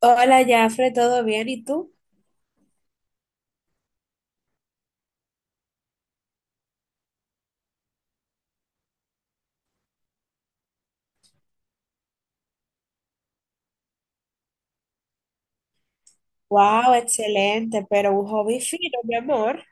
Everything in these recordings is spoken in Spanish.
Hola, Jafre, ¿todo bien? ¿Y tú? Wow, excelente, pero un hobby fino, mi amor.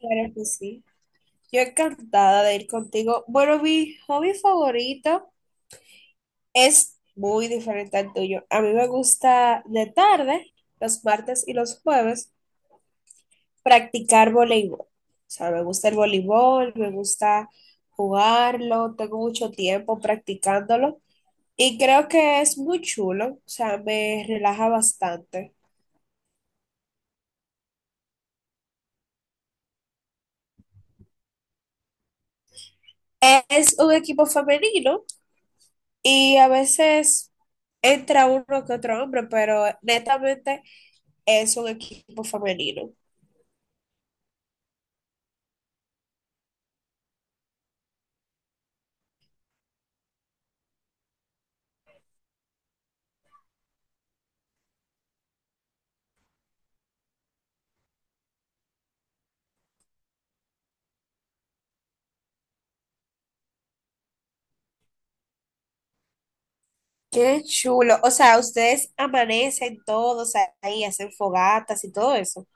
Claro que sí. Yo encantada de ir contigo. Bueno, mi hobby favorito es muy diferente al tuyo. A mí me gusta de tarde, los martes y los jueves, practicar voleibol. O sea, me gusta el voleibol, me gusta jugarlo, tengo mucho tiempo practicándolo y creo que es muy chulo, o sea, me relaja bastante. Es un equipo femenino y a veces entra uno que otro hombre, pero netamente es un equipo femenino. Qué chulo. O sea, ustedes amanecen todos ahí, hacen fogatas y todo eso.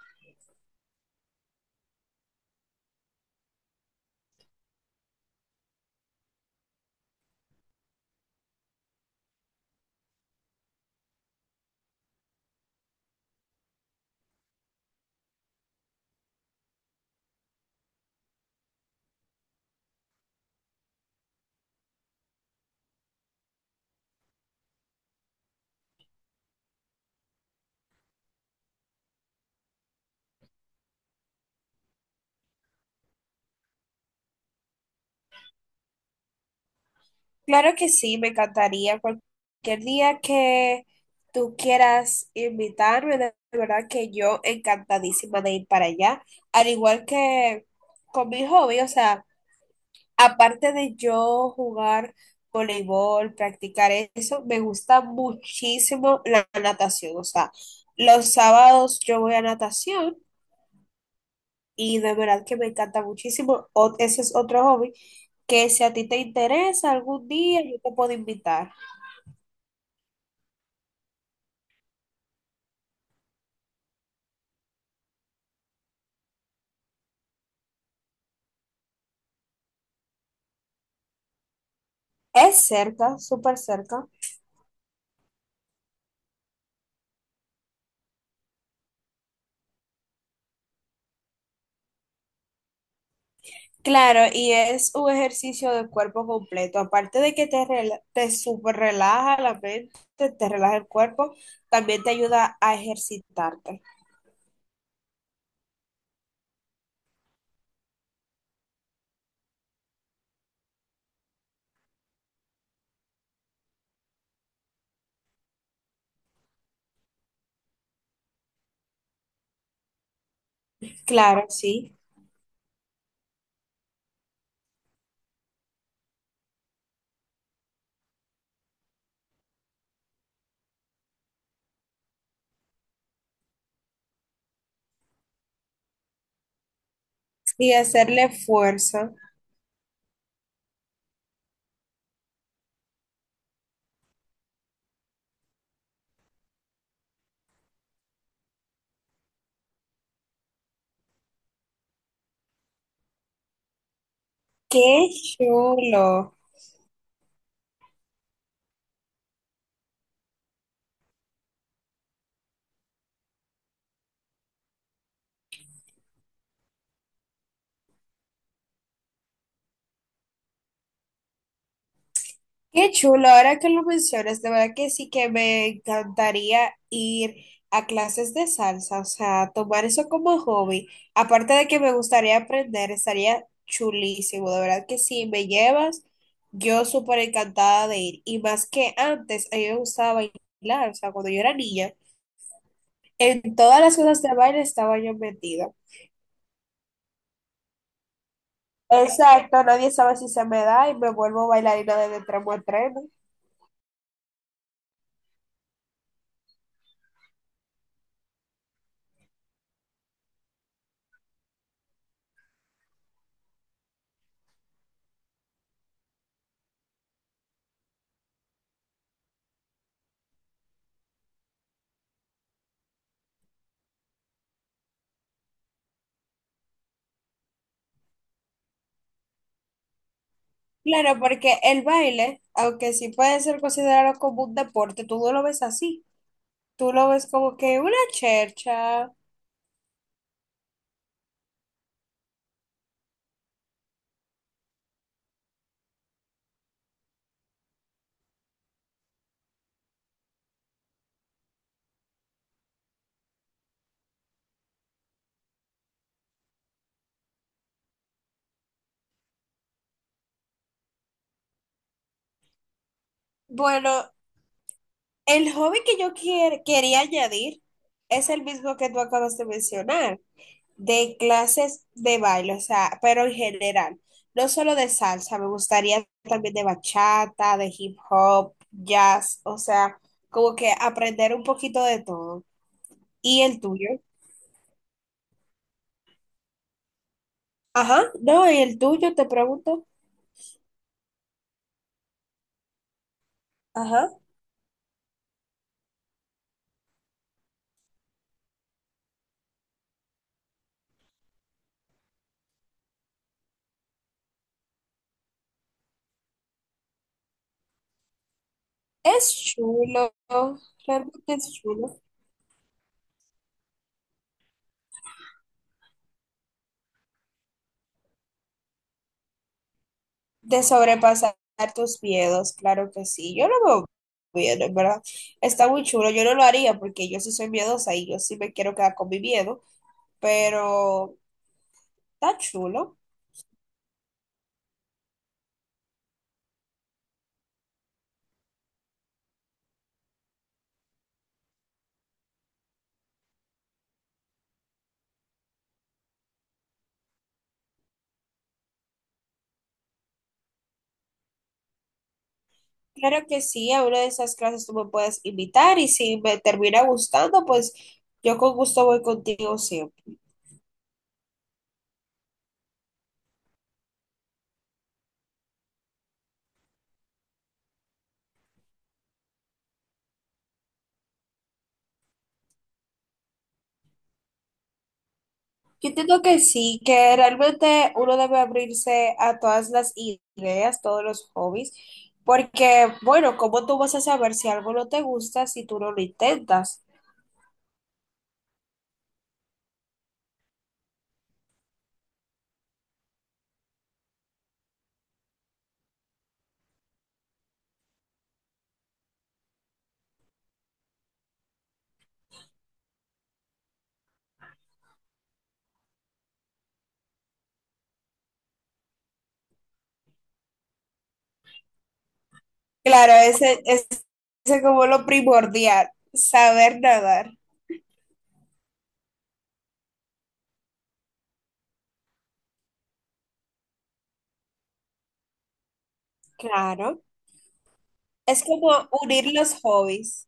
Claro que sí, me encantaría. Cualquier día que tú quieras invitarme, de verdad que yo encantadísima de ir para allá. Al igual que con mi hobby, o sea, aparte de yo jugar voleibol, practicar eso, me gusta muchísimo la natación. O sea, los sábados yo voy a natación y de verdad que me encanta muchísimo. Ese es otro hobby que si a ti te interesa algún día, yo te puedo invitar. Es cerca, súper cerca. Claro, y es un ejercicio de cuerpo completo. Aparte de que te, te súper relaja la mente, te relaja el cuerpo, también te ayuda a ejercitarte. Claro, sí. Y hacerle fuerza. ¡Qué chulo! Qué chulo, ahora que lo mencionas, de verdad que sí que me encantaría ir a clases de salsa, o sea, tomar eso como hobby. Aparte de que me gustaría aprender, estaría chulísimo, de verdad que si me llevas, yo súper encantada de ir. Y más que antes, a mí me gustaba bailar, o sea, cuando yo era niña, en todas las cosas de baile estaba yo metida. Exacto, nadie sabe si se me da y me vuelvo bailarina de tramo a tremo. Claro, porque el baile, aunque sí puede ser considerado como un deporte, tú no lo ves así. Tú lo ves como que una chercha. Bueno, el hobby que yo quería añadir es el mismo que tú acabas de mencionar, de clases de baile, o sea, pero en general, no solo de salsa, me gustaría también de bachata, de hip hop, jazz, o sea, como que aprender un poquito de todo. ¿Y el tuyo? Ajá, no, ¿y el tuyo? Te pregunto. Ajá. Es chulo, realmente es chulo. De sobrepasar tus miedos, claro que sí. Yo lo veo bien, en verdad. Está muy chulo. Yo no lo haría porque yo sí soy miedosa y yo sí me quiero quedar con mi miedo, pero está chulo. Claro que sí, a una de esas clases tú me puedes invitar y si me termina gustando, pues yo con gusto voy contigo siempre. Yo entiendo que sí, que realmente uno debe abrirse a todas las ideas, todos los hobbies, porque, bueno, ¿cómo tú vas a saber si algo no te gusta si tú no lo intentas? Claro, ese es como lo primordial, saber nadar. Claro, es como unir los hobbies.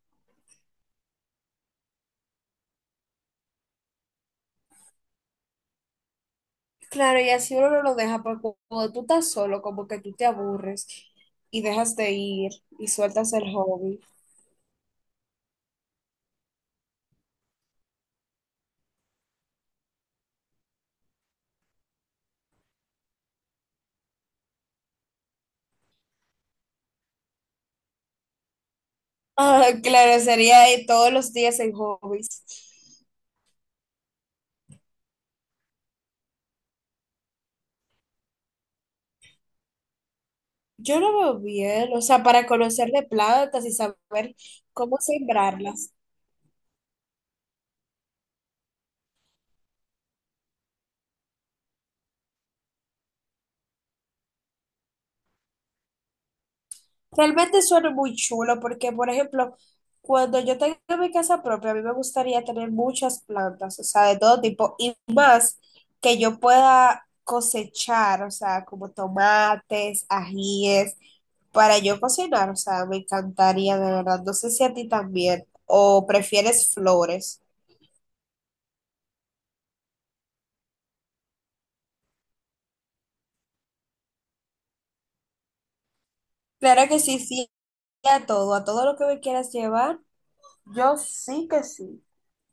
Claro, y así uno no lo deja, porque cuando tú estás solo, como que tú te aburres y dejas de ir y sueltas el hobby. Ah, claro, sería ahí todos los días en hobbies. Yo lo veo bien, o sea, para conocerle plantas y saber cómo sembrarlas. Realmente suena muy chulo porque, por ejemplo, cuando yo tenga mi casa propia, a mí me gustaría tener muchas plantas, o sea, de todo tipo, y más que yo pueda cosechar, o sea, como tomates, ajíes, para yo cocinar, o sea, me encantaría, de verdad. No sé si a ti también, o prefieres flores. Claro que sí, sí, a todo lo que me quieras llevar, yo sí que sí.